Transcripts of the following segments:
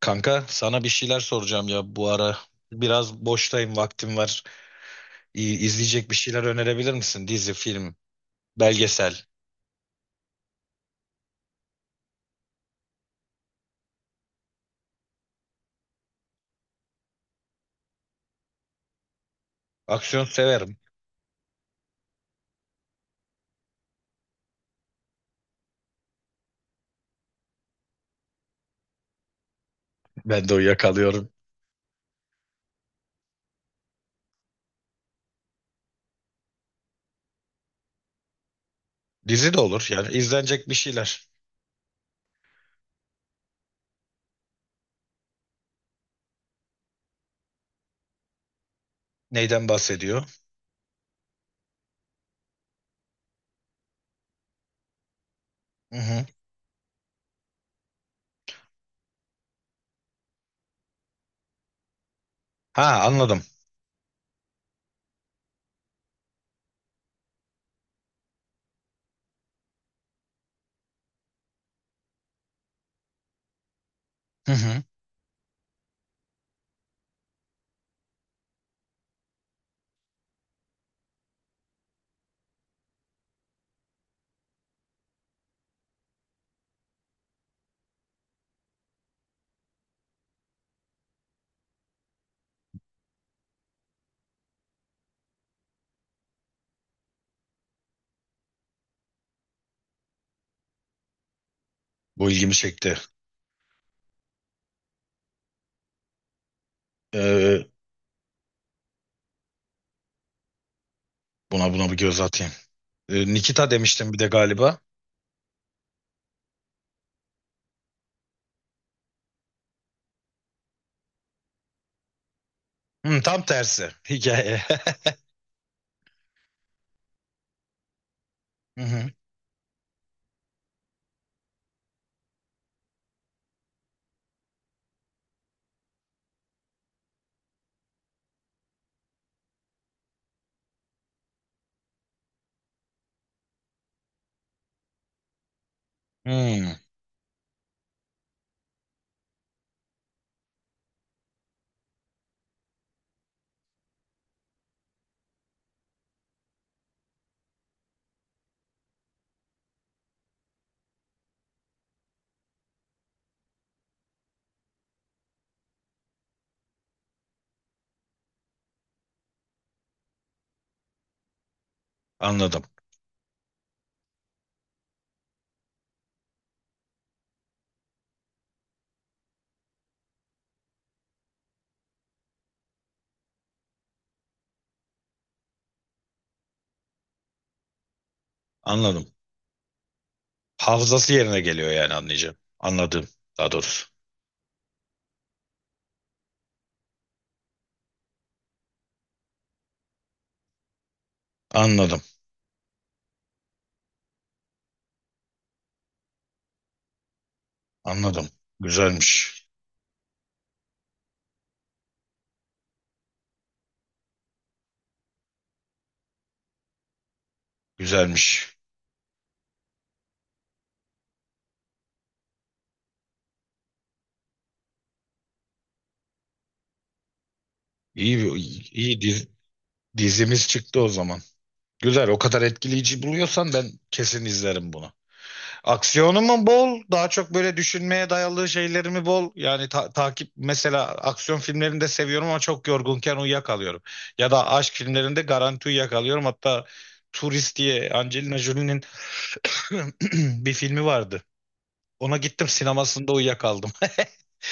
Kanka sana bir şeyler soracağım ya bu ara. Biraz boştayım, vaktim var. İyi, izleyecek bir şeyler önerebilir misin? Dizi, film, belgesel. Aksiyon severim. Ben de uyuyakalıyorum. Dizi de olur yani izlenecek bir şeyler. Neyden bahsediyor? Hı hı. Ha, anladım. Hı hı. Bu ilgimi çekti. Ee, buna bir göz atayım. Nikita demiştim bir de galiba. Hı, tam tersi hikaye. Hı hı. Hı, anladım. Anladım. Hafızası yerine geliyor yani anlayacağım. Anladım daha doğrusu. Anladım. Anladım. Güzelmiş. Güzelmiş. İyi, iyi diz- dizimiz çıktı o zaman. Güzel. O kadar etkileyici buluyorsan ben kesin izlerim bunu. Aksiyonu bol? Daha çok böyle düşünmeye dayalı şeylerimi bol? Yani takip mesela aksiyon filmlerini de seviyorum ama çok yorgunken uyuyakalıyorum. Ya da aşk filmlerinde garanti uyuyakalıyorum. Hatta Turist diye Angelina Jolie'nin bir filmi vardı. Ona gittim sinemasında uyuyakaldım.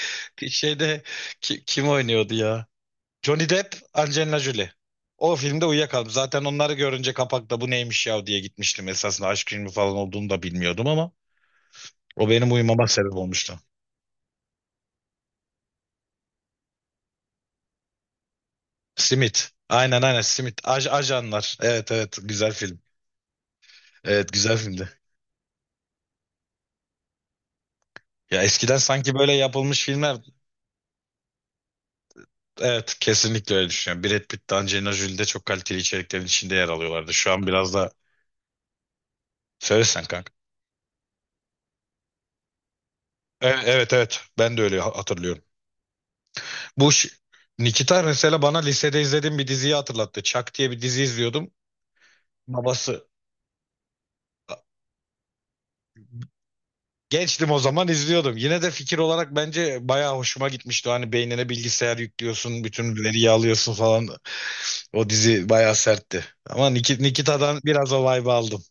Şeyde kim oynuyordu ya? Johnny Depp, Angelina Jolie. O filmde uyuyakaldım. Zaten onları görünce kapakta bu neymiş ya diye gitmiştim. Esasında aşk filmi falan olduğunu da bilmiyordum ama o benim uyumama sebep olmuştu. Simit. Aynen, aynen. Simit. Ajanlar. Evet, evet, güzel film. Evet, güzel filmdi. Ya eskiden sanki böyle yapılmış filmler, evet, kesinlikle öyle düşünüyorum. Brad Pitt de Angelina Jolie de çok kaliteli içeriklerin içinde yer alıyorlardı. Şu an biraz da söylesen. Evet, evet, ben de öyle hatırlıyorum. Bu ş- Nikita mesela bana lisede izlediğim bir diziyi hatırlattı. Chuck diye bir dizi izliyordum. Babası. Gençtim o zaman izliyordum. Yine de fikir olarak bence bayağı hoşuma gitmişti. Hani beynine bilgisayar yüklüyorsun, bütün veriyi alıyorsun falan. O dizi bayağı sertti. Ama Nikita'dan biraz o vibe'ı aldım.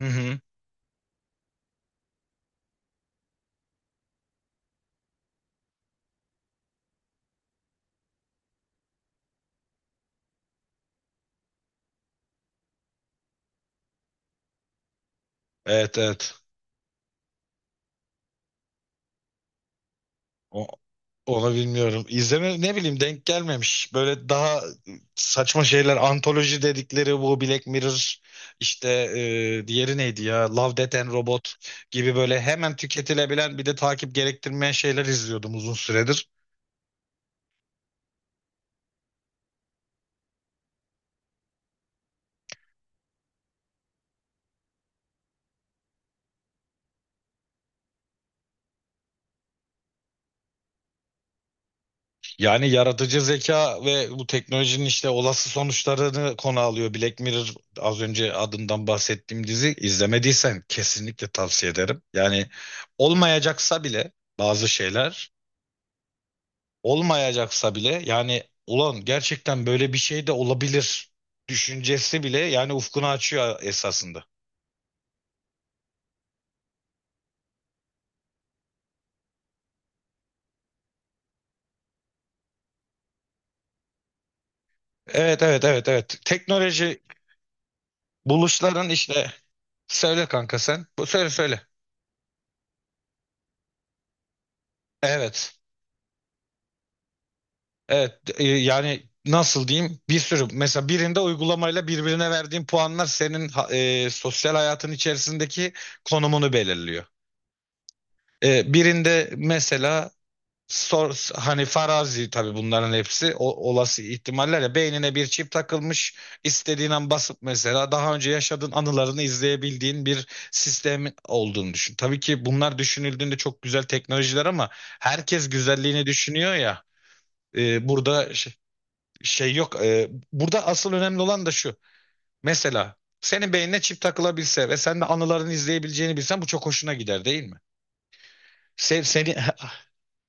Hı hı. Evet, evet. O- Onu bilmiyorum. İzleme ne bileyim denk gelmemiş. Böyle daha saçma şeyler antoloji dedikleri bu Black Mirror işte, diğeri neydi ya, Love, Death and Robot gibi böyle hemen tüketilebilen bir de takip gerektirmeyen şeyler izliyordum uzun süredir. Yani yaratıcı zeka ve bu teknolojinin işte olası sonuçlarını konu alıyor. Black Mirror, az önce adından bahsettiğim dizi, izlemediysen kesinlikle tavsiye ederim. Yani olmayacaksa bile bazı şeyler olmayacaksa bile yani ulan gerçekten böyle bir şey de olabilir düşüncesi bile yani ufkunu açıyor esasında. Evet, evet, evet, evet. Teknoloji buluşların işte, söyle kanka sen. Bu söyle, söyle. Evet. Evet, yani nasıl diyeyim, bir sürü mesela birinde uygulamayla birbirine verdiğin puanlar senin sosyal hayatın içerisindeki konumunu belirliyor. Birinde mesela sor, hani farazi tabii bunların hepsi, olası ihtimaller ya, beynine bir çip takılmış, istediğin an basıp mesela daha önce yaşadığın anılarını izleyebildiğin bir sistem olduğunu düşün. Tabii ki bunlar düşünüldüğünde çok güzel teknolojiler ama herkes güzelliğini düşünüyor ya, burada şey yok. Burada asıl önemli olan da şu, mesela senin beynine çip takılabilse ve sen de anılarını izleyebileceğini bilsen bu çok hoşuna gider değil mi? Seni.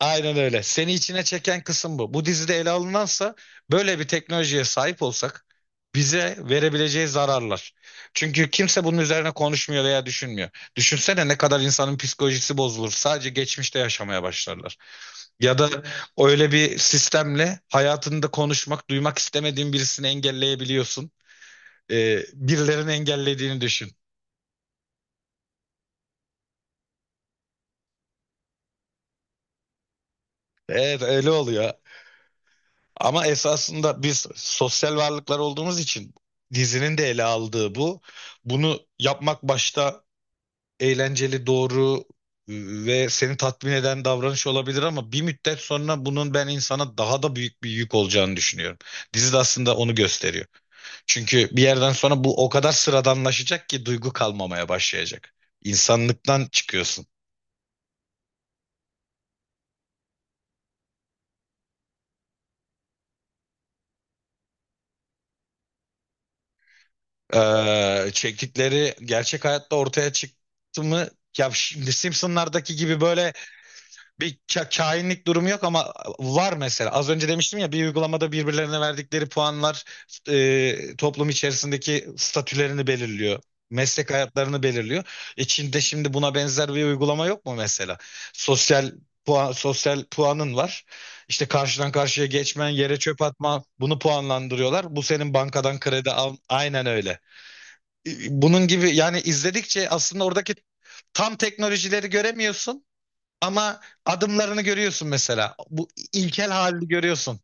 Aynen öyle. Seni içine çeken kısım bu. Bu dizide ele alınansa böyle bir teknolojiye sahip olsak bize verebileceği zararlar. Çünkü kimse bunun üzerine konuşmuyor veya düşünmüyor. Düşünsene ne kadar insanın psikolojisi bozulur. Sadece geçmişte yaşamaya başlarlar. Ya da öyle bir sistemle hayatında konuşmak, duymak istemediğin birisini engelleyebiliyorsun. Birilerinin engellediğini düşün. Evet, öyle oluyor. Ama esasında biz sosyal varlıklar olduğumuz için dizinin de ele aldığı bu. Bunu yapmak başta eğlenceli, doğru e, ve seni tatmin eden davranış olabilir ama bir müddet sonra bunun ben insana daha da büyük bir yük olacağını düşünüyorum. Dizi de aslında onu gösteriyor. Çünkü bir yerden sonra bu o kadar sıradanlaşacak ki duygu kalmamaya başlayacak. İnsanlıktan çıkıyorsun. Çektikleri gerçek hayatta ortaya çıktı mı, ya şimdi Simpsonlardaki gibi böyle bir kainlik durumu yok ama var mesela. Az önce demiştim ya, bir uygulamada birbirlerine verdikleri puanlar toplum içerisindeki statülerini belirliyor. Meslek hayatlarını belirliyor. Çin'de şimdi buna benzer bir uygulama yok mu mesela? Sosyal sosyal puanın var. İşte karşıdan karşıya geçmen, yere çöp atma, bunu puanlandırıyorlar. Bu senin bankadan kredi al. Aynen öyle. Bunun gibi, yani izledikçe aslında oradaki tam teknolojileri göremiyorsun. Ama adımlarını görüyorsun mesela. Bu ilkel halini görüyorsun.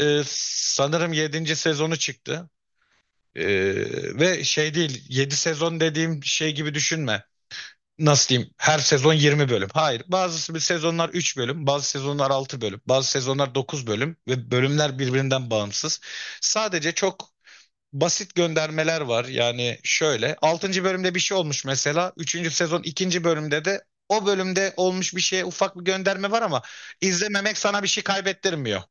Sanırım yedinci sezonu çıktı. Ee, Ve şey değil, 7 sezon dediğim şey gibi düşünme. Nasıl diyeyim? Her sezon 20 bölüm. Hayır. Bazı bir sezonlar 3 bölüm, bazı sezonlar 6 bölüm, bazı sezonlar 9 bölüm ve bölümler birbirinden bağımsız. Sadece çok basit göndermeler var. Yani şöyle altıncı bölümde bir şey olmuş mesela. Üçüncü sezon ikinci bölümde de o bölümde olmuş bir şeye ufak bir gönderme var ama izlememek sana bir şey kaybettirmiyor.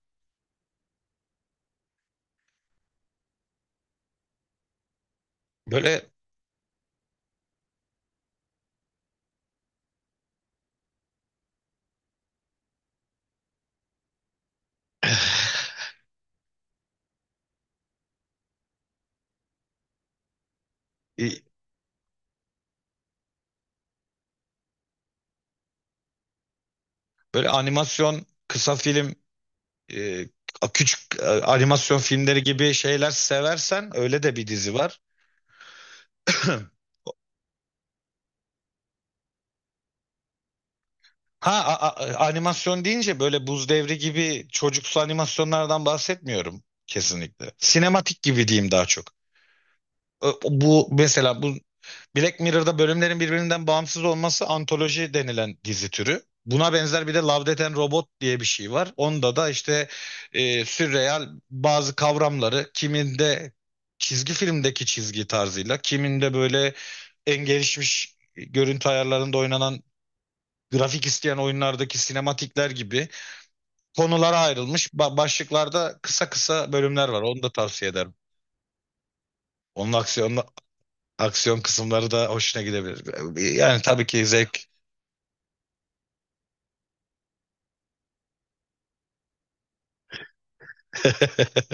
Böyle e, böyle animasyon kısa film, e, küçük animasyon filmleri gibi şeyler seversen öyle de bir dizi var. Ha, animasyon deyince böyle Buz Devri gibi çocuksu animasyonlardan bahsetmiyorum kesinlikle. Sinematik gibi diyeyim daha çok. Bu mesela, bu Black Mirror'da bölümlerin birbirinden bağımsız olması antoloji denilen dizi türü. Buna benzer bir de Love, Death and Robot diye bir şey var. Onda da işte sürreal bazı kavramları, kiminde çizgi filmdeki çizgi tarzıyla, kiminde böyle en gelişmiş görüntü ayarlarında oynanan grafik isteyen oyunlardaki sinematikler gibi konulara ayrılmış başlıklarda kısa kısa bölümler var. Onu da tavsiye ederim. Onun aksiyon kısımları da hoşuna gidebilir. Yani tabii ki zevk.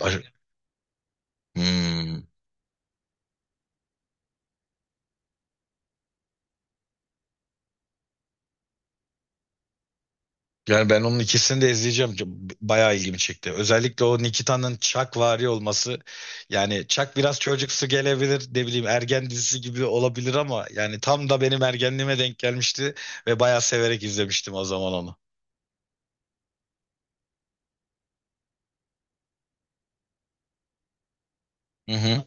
Baş- Hmm. Yani ben onun ikisini de izleyeceğim. Bayağı ilgimi çekti. Özellikle o Nikita'nın Chuck-vari olması. Yani Chuck biraz çocuksu gelebilir. Ne bileyim ergen dizisi gibi olabilir ama yani tam da benim ergenliğime denk gelmişti ve bayağı severek izlemiştim o zaman onu. Hı hı.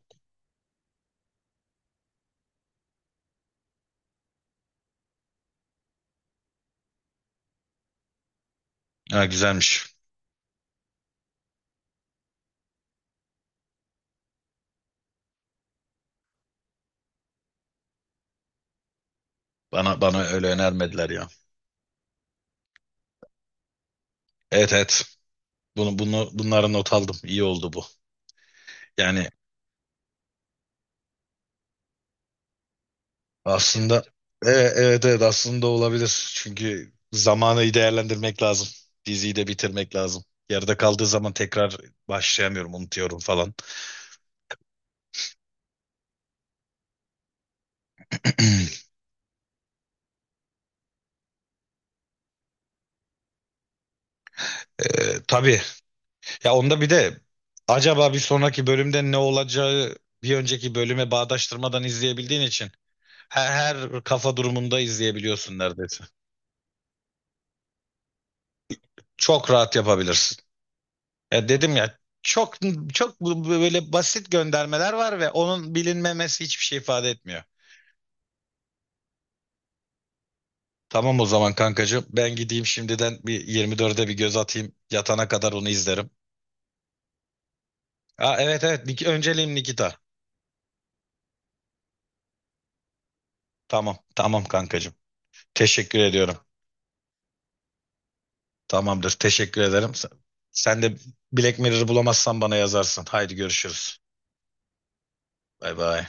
Ha, güzelmiş. Bana öyle önermediler ya. Evet, evet. Bunu bunu bunları not aldım. İyi oldu bu. Yani aslında, evet, evet, aslında olabilir. Çünkü zamanı iyi değerlendirmek lazım. Diziyi de bitirmek lazım. Yarıda kaldığı zaman tekrar başlayamıyorum, unutuyorum falan. Tabii. Ya onda bir de acaba bir sonraki bölümde ne olacağı bir önceki bölüme bağdaştırmadan izleyebildiğin için her kafa durumunda izleyebiliyorsun neredeyse. Çok rahat yapabilirsin. Ya dedim ya, çok çok böyle basit göndermeler var ve onun bilinmemesi hiçbir şey ifade etmiyor. Tamam o zaman kankacığım. Ben gideyim şimdiden bir 24'e bir göz atayım. Yatana kadar onu izlerim. Aa, evet, evet. Önceliğim Nikita. Tamam, tamam, kankacığım. Teşekkür ediyorum. Tamamdır. Teşekkür ederim. Sen de Black Mirror'ı bulamazsan bana yazarsın. Haydi görüşürüz. Bay bay.